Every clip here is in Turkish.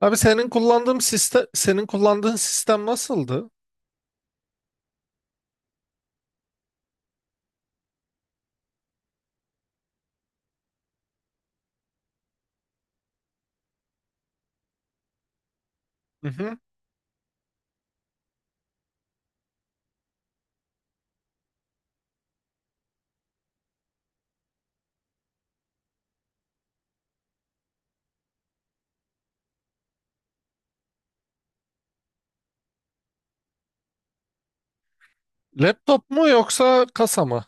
Abi senin kullandığın sistem nasıldı? Hı hı. Laptop mu yoksa kasa mı?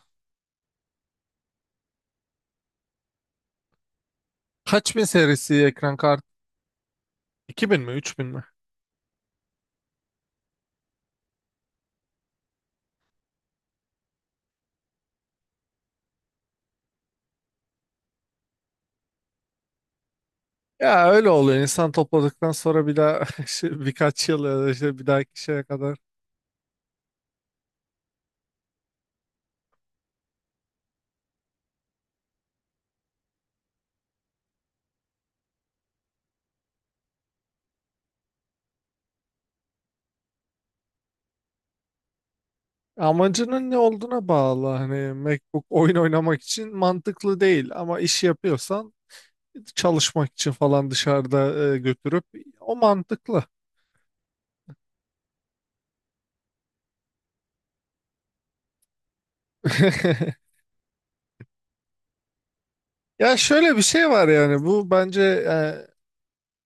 Kaç bin serisi ekran kartı? İki bin mi 3000 mi? Ya öyle oluyor insan topladıktan sonra bir daha işte birkaç yıl ya da işte bir dahaki şeye kadar. Amacının ne olduğuna bağlı hani MacBook oyun oynamak için mantıklı değil ama iş yapıyorsan çalışmak için falan dışarıda götürüp o mantıklı. Ya şöyle bir şey var yani bu bence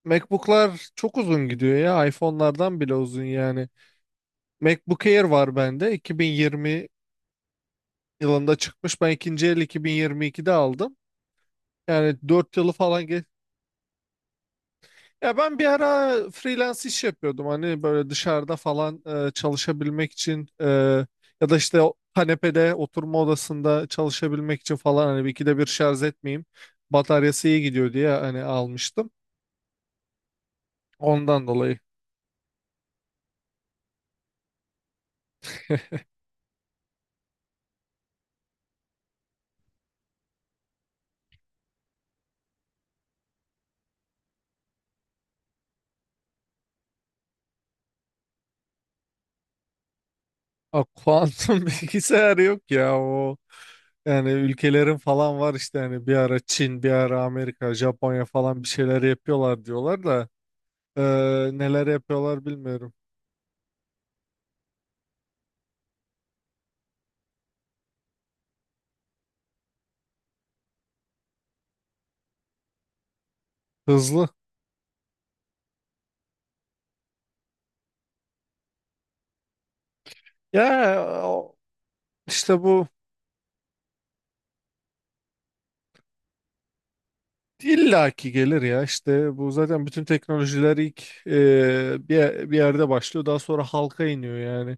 MacBook'lar çok uzun gidiyor ya. iPhone'lardan bile uzun yani. MacBook Air var bende. 2020 yılında çıkmış. Ben ikinci el 2022'de aldım. Yani 4 yılı falan geç. Ya ben bir ara freelance iş yapıyordum. Hani böyle dışarıda falan çalışabilmek için ya da işte o kanepede oturma odasında çalışabilmek için falan hani bir ikide bir şarj etmeyeyim. Bataryası iyi gidiyor diye hani almıştım. Ondan dolayı. A, kuantum bilgisayar yok ya o. Yani ülkelerin falan var işte hani bir ara Çin, bir ara Amerika, Japonya falan bir şeyler yapıyorlar diyorlar da e, neler yapıyorlar bilmiyorum. Hızlı. Ya o- işte bu illaki gelir ya işte bu zaten bütün teknolojiler ilk bir yerde başlıyor daha sonra halka iniyor yani.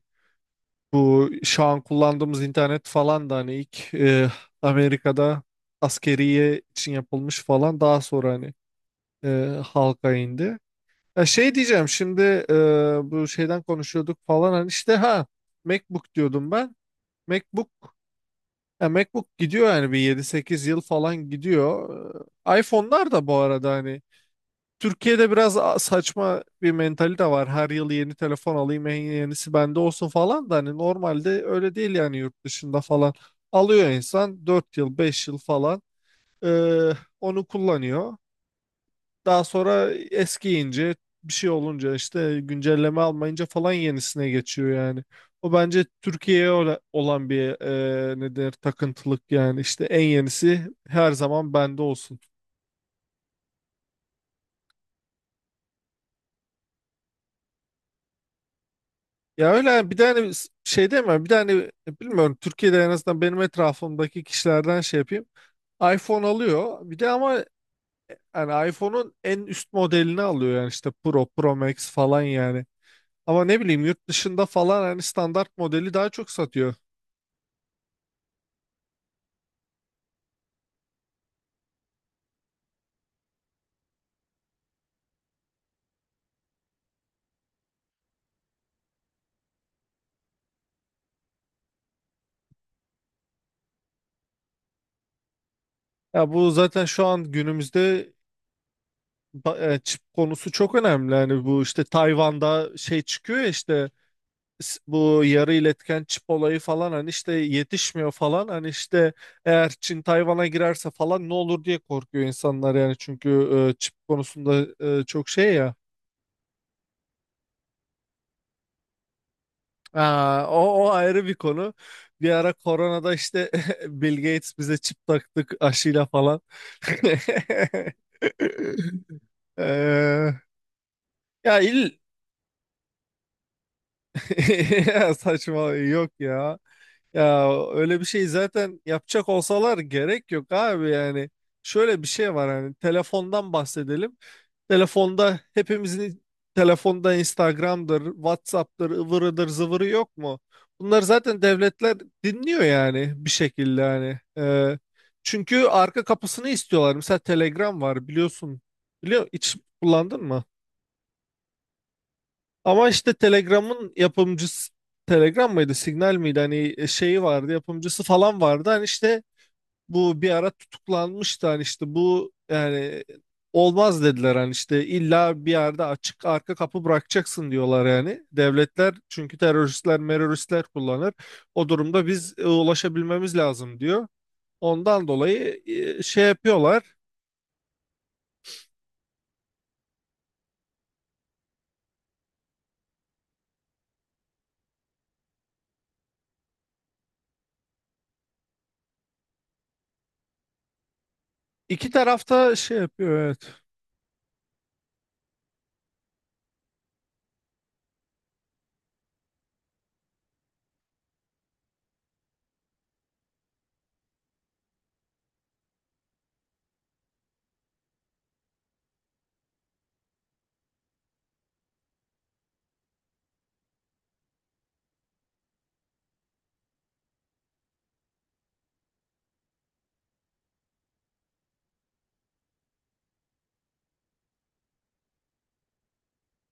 Bu şu an kullandığımız internet falan da hani ilk Amerika'da askeriye için yapılmış falan daha sonra hani halka indi. Ya şey diyeceğim şimdi bu şeyden konuşuyorduk falan hani işte ha MacBook diyordum ben. MacBook MacBook gidiyor yani bir 7-8 yıl falan gidiyor. iPhone'lar da bu arada hani Türkiye'de biraz saçma bir mentalite var. Her yıl yeni telefon alayım en yenisi bende olsun falan da hani normalde öyle değil yani yurt dışında falan. Alıyor insan 4 yıl 5 yıl falan e, onu kullanıyor. Daha sonra eskiyince bir şey olunca işte güncelleme almayınca falan yenisine geçiyor yani. O bence Türkiye'ye olan bir ne denir takıntılık yani işte en yenisi her zaman bende olsun. Ya öyle yani bir tane şey demiyorum bir tane bilmiyorum Türkiye'de en azından benim etrafımdaki kişilerden şey yapayım. iPhone alıyor bir de ama yani iPhone'un en üst modelini alıyor yani işte Pro, Pro Max falan yani. Ama ne bileyim yurt dışında falan hani standart modeli daha çok satıyor. Ya bu zaten şu an günümüzde çip konusu çok önemli. Yani bu işte Tayvan'da şey çıkıyor ya işte bu yarı iletken çip olayı falan hani işte yetişmiyor falan. Hani işte eğer Çin Tayvan'a girerse falan ne olur diye korkuyor insanlar yani çünkü çip konusunda çok şey ya. Aa, o ayrı bir konu. Bir ara koronada işte Bill Gates bize çip taktık aşıyla falan. Ee, ya il- Saçma yok ya. Ya öyle bir şey zaten yapacak olsalar gerek yok abi yani. Şöyle bir şey var hani telefondan bahsedelim. Telefonda hepimizin telefonda Instagram'dır, WhatsApp'tır, ıvırıdır, zıvırı yok mu? Bunlar zaten devletler dinliyor yani bir şekilde hani. Çünkü arka kapısını istiyorlar. Mesela Telegram var biliyorsun. Biliyor, hiç kullandın mı? Ama işte Telegram'ın yapımcısı Telegram mıydı, Signal miydi? Hani şeyi vardı, yapımcısı falan vardı. Hani işte bu bir ara tutuklanmıştı. Hani işte bu yani olmaz dediler. Hani işte illa bir yerde açık arka kapı bırakacaksın diyorlar yani. Devletler çünkü teröristler, meröristler kullanır. O durumda biz ulaşabilmemiz lazım diyor. Ondan dolayı şey yapıyorlar. İki tarafta şey yapıyor evet.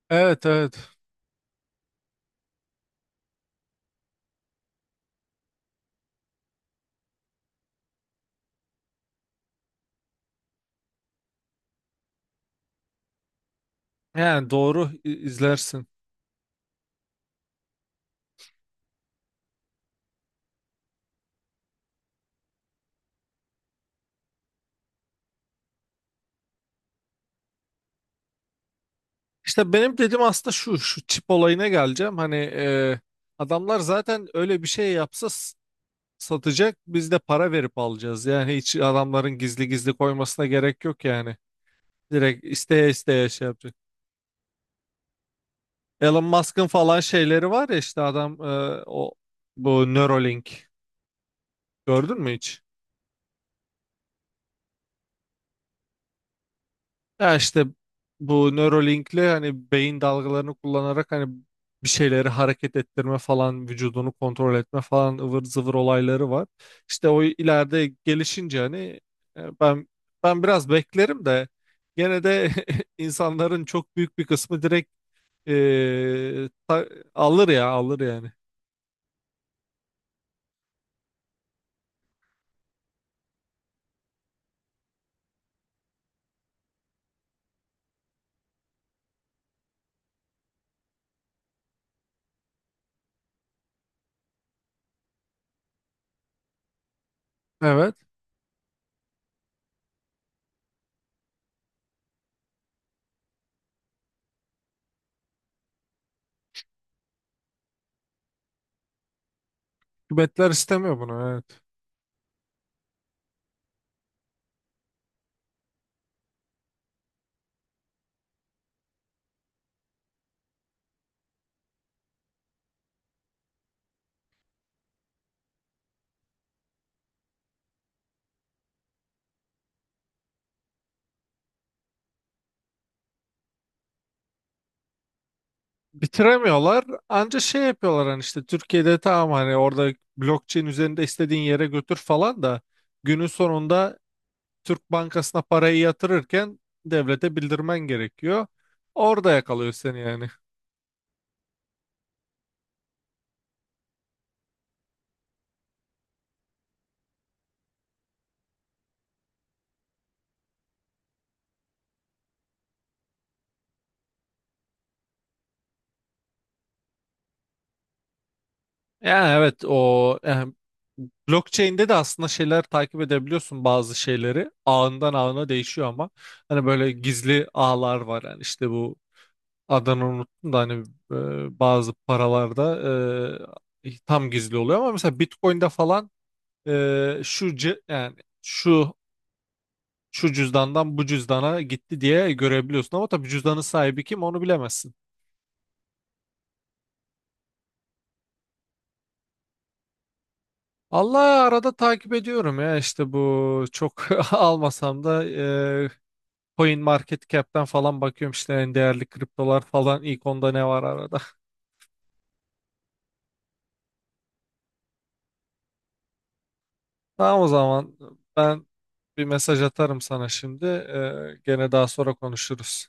Evet evet. Yani doğru izlersin. İşte benim dediğim aslında şu çip olayına geleceğim. Hani adamlar zaten öyle bir şey yapsa satacak, biz de para verip alacağız. Yani hiç adamların gizli gizli koymasına gerek yok yani. Direkt isteye isteye şey yapacak. Elon Musk'ın falan şeyleri var ya işte adam o bu Neuralink gördün mü hiç? Ya işte bu Neuralink'le hani beyin dalgalarını kullanarak hani bir şeyleri hareket ettirme falan vücudunu kontrol etme falan ıvır zıvır olayları var. İşte o ileride gelişince hani e, ben ben biraz beklerim de gene de insanların çok büyük bir kısmı direkt e, ta- alır ya alır yani. Evet. Hükümetler istemiyor bunu evet. Bitiremiyorlar. Anca şey yapıyorlar hani işte Türkiye'de tamam hani orada blockchain üzerinde istediğin yere götür falan da günün sonunda Türk Bankası'na parayı yatırırken devlete bildirmen gerekiyor. Orada yakalıyor seni yani. Yani evet o yani blockchain'de de aslında şeyler takip edebiliyorsun bazı şeyleri. Ağından ağına değişiyor ama hani böyle gizli ağlar var yani işte bu adını unuttum da hani bazı paralarda tam gizli oluyor ama mesela Bitcoin'de falan yani şu şu cüzdandan bu cüzdana gitti diye görebiliyorsun ama tabii cüzdanın sahibi kim onu bilemezsin. Allah arada takip ediyorum ya işte bu çok almasam da Coin Market Cap'ten falan bakıyorum işte en değerli kriptolar falan ilk 10'da ne var arada. Tamam o zaman ben bir mesaj atarım sana şimdi. Gene daha sonra konuşuruz.